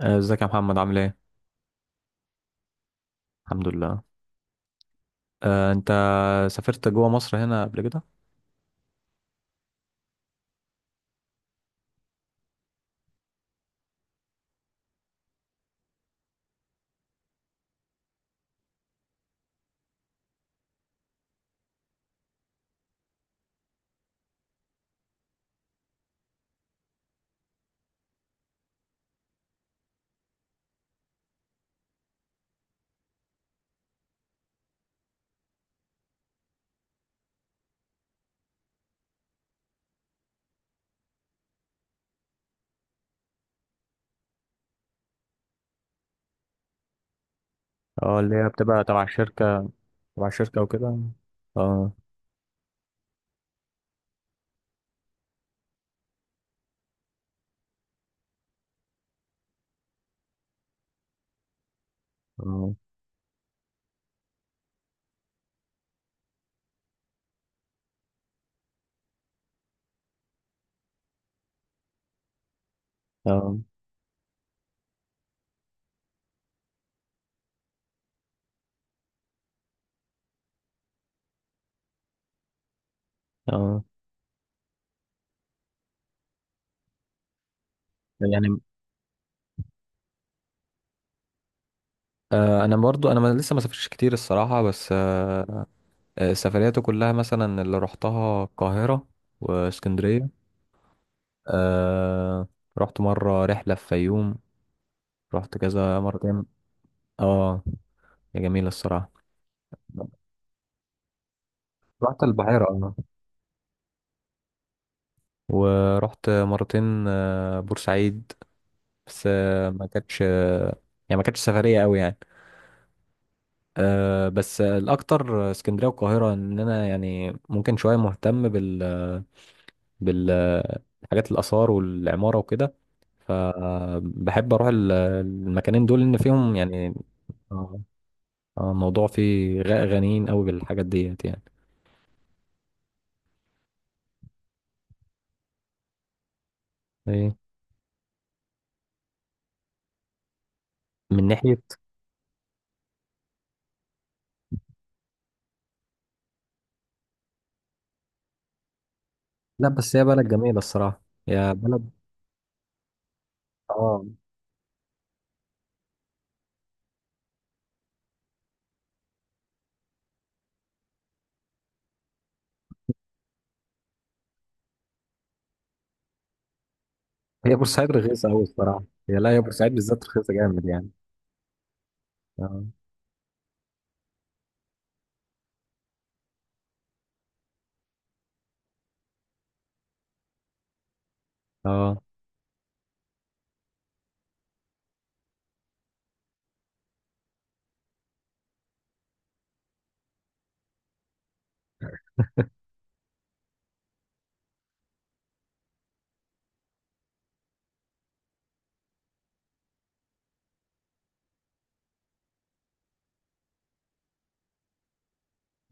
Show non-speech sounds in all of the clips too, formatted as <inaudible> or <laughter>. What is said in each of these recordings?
ازيك يا محمد عامل ايه؟ الحمد لله. انت سافرت جوه مصر هنا قبل كده؟ اه اللي هي بتبقى تبع الشركة. تبع الشركة وكده. اه. اه. اه. اه. يعني انا برضو انا ما- لسه ما سافرتش كتير الصراحة. بس سفرياتي كلها مثلا اللي رحتها القاهرة واسكندرية. آه، رحت مرة رحلة في فيوم، رحت كذا مرتين. اه، يا جميلة الصراحة. رحت البحيرة اه. ورحت مرتين بورسعيد، بس آه، ما كانتش آه، يعني ما كانتش سفرية قوي يعني. بس الأكتر اسكندرية والقاهرة، إن أنا يعني ممكن شوية مهتم بالحاجات الآثار والعمارة وكده. فبحب أروح المكانين دول، إن فيهم يعني آه، الموضوع فيه غنيين قوي بالحاجات ديت يعني. إيه، من ناحية. لا، بس هي بلد جميلة الصراحة، يا بلد. اه، هي بورسعيد رخيصة أوي الصراحة. هي لا هي بورسعيد بالذات رخيصة جامد يعني. اه. اه.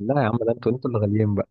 لا يا عم، ده انتوا اللي غاليين بقى.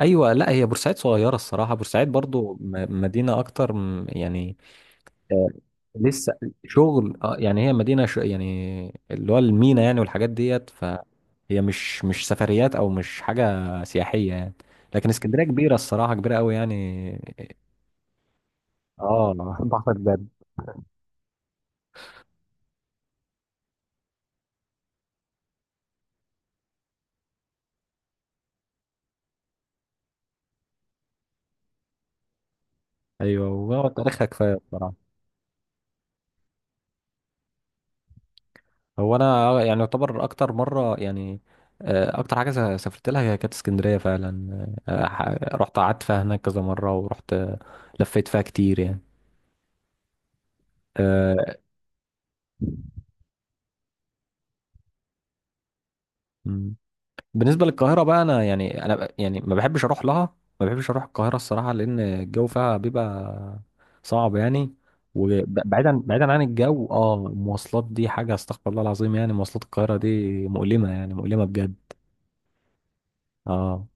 ايوه، لا هي بورسعيد صغيره الصراحه، بورسعيد برضو مدينه يعني آه، لسه شغل، اه يعني هي مدينه يعني اللي هو المينا يعني والحاجات ديت، فهي مش سفريات او مش حاجه سياحيه يعني. لكن اسكندريه كبيره الصراحه، كبيره قوي يعني. اه <laughs> بحر بجد. ايوه وتاريخها كفايه الصراحه. هو انا يعني يعتبر اكتر مره يعني اكتر حاجه سافرت لها هي كانت اسكندريه فعلا. رحت قعدت فيها هناك كذا مره، ورحت لفيت فيها كتير يعني. آه، مم. بالنسبه للقاهره بقى، انا يعني يعني ما بحبش اروح لها، ما بحبش اروح القاهره الصراحه، لان الجو فيها بيبقى صعب يعني. وبعيدا بعيدا عن الجو، اه المواصلات دي حاجه استغفر الله العظيم، يعني مواصلات القاهره دي مؤلمه يعني، مؤلمه بجد. اه،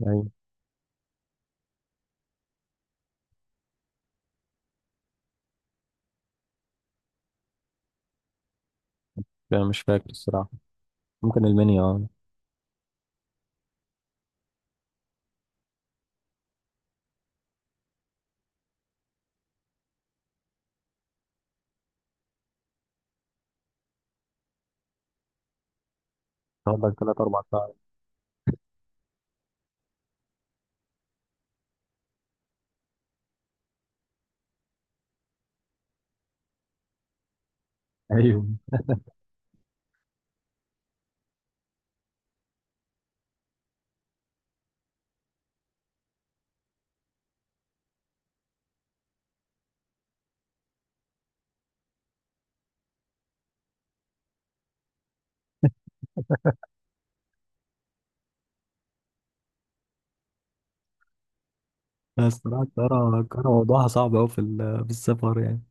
ايوه. انا مش فاكر الصراحه، ممكن المنيا اه. تقعد لك ثلاث اربع ساعات. <laughs> ايوه، لا، الصراحه الطياره موضوعها صعب قوي في السفر يعني.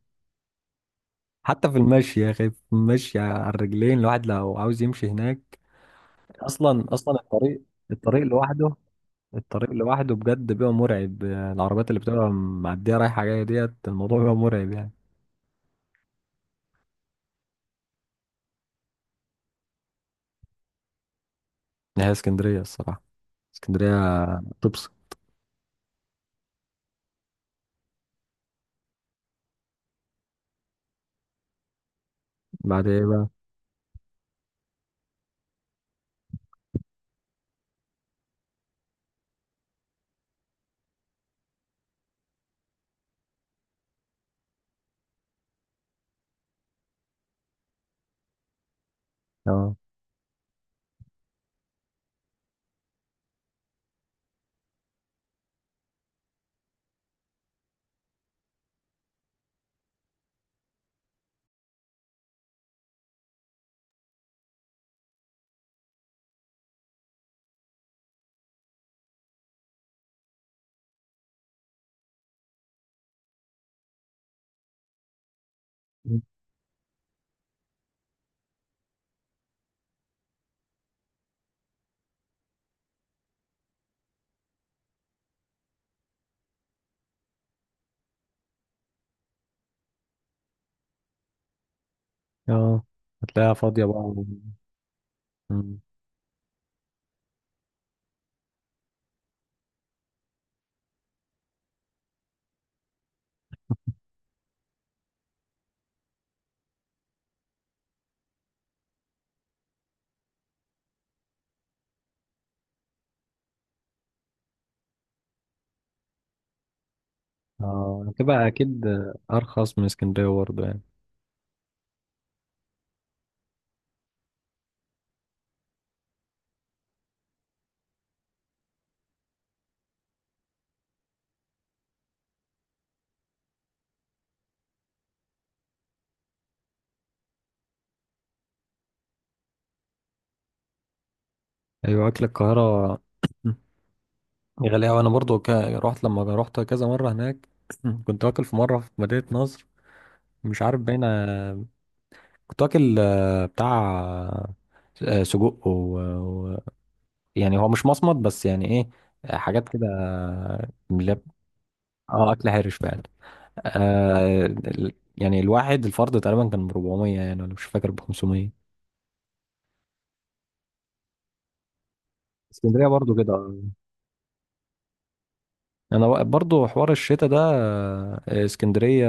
حتى في المشي يا اخي، في المشي على الرجلين، الواحد لو عاوز يمشي هناك، اصلا الطريق، الطريق لوحده، الطريق لوحده بجد بيبقى مرعب، العربيات اللي بتبقى معديه رايحه جايه ديت، الموضوع بيبقى مرعب يعني. هي اسكندريه الصراحه، اسكندريه. تبص، بعد ايه بقى؟ اه. اه هتلاقيها فاضيه بقى مم. اه هتبقى اكيد ارخص من اسكندريه برضه يعني. ايوه، اكل القاهره <clears throat> غالي أوي. أنا برضو رحت لما رحت كذا مرة هناك. <clears throat> كنت واكل في مرة في مدينة نصر، مش عارف باينة. كنت واكل بتاع سجق و... يعني هو مش مصمت، بس يعني إيه، حاجات كده من اه أكل هارش فعلا. يعني الواحد الفرد تقريبا كان ب 400 يعني، أنا مش فاكر، ب 500. اسكندرية برضو كده آه. أنا برضو حوار الشتاء ده اسكندرية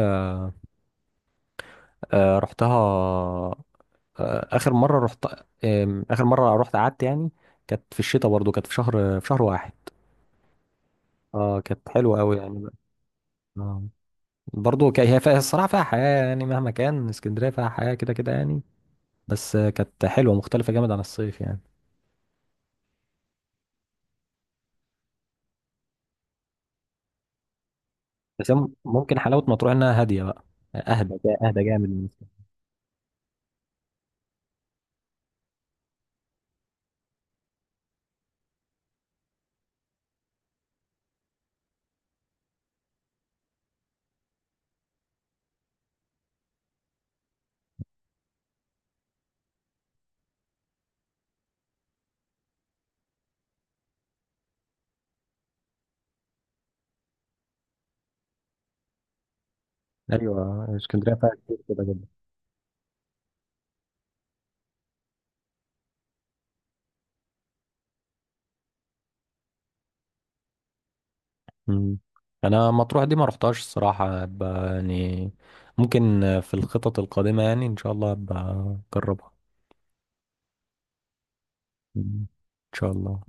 رحتها، آه، اخر مره رحت اخر مره رحت قعدت يعني كانت في الشتاء، برضو كانت في شهر، في شهر واحد. اه كانت حلوه قوي يعني بقى. آه. برضو كان هي فيها الصراحه فيها حياه، يعني مهما كان اسكندريه فيها حياه كده كده يعني. بس كانت حلوه مختلفه جامد عن الصيف يعني. بس هي ممكن حلاوه مطروح انها هاديه بقى، اهدى جامد من اسكندريه. ايوه اسكندريه فيها كتير كده جدا. مم. انا مطروح دي ما رحتهاش الصراحه يعني ممكن في الخطط القادمه يعني ان شاء الله ابقى اجربها. ان شاء الله.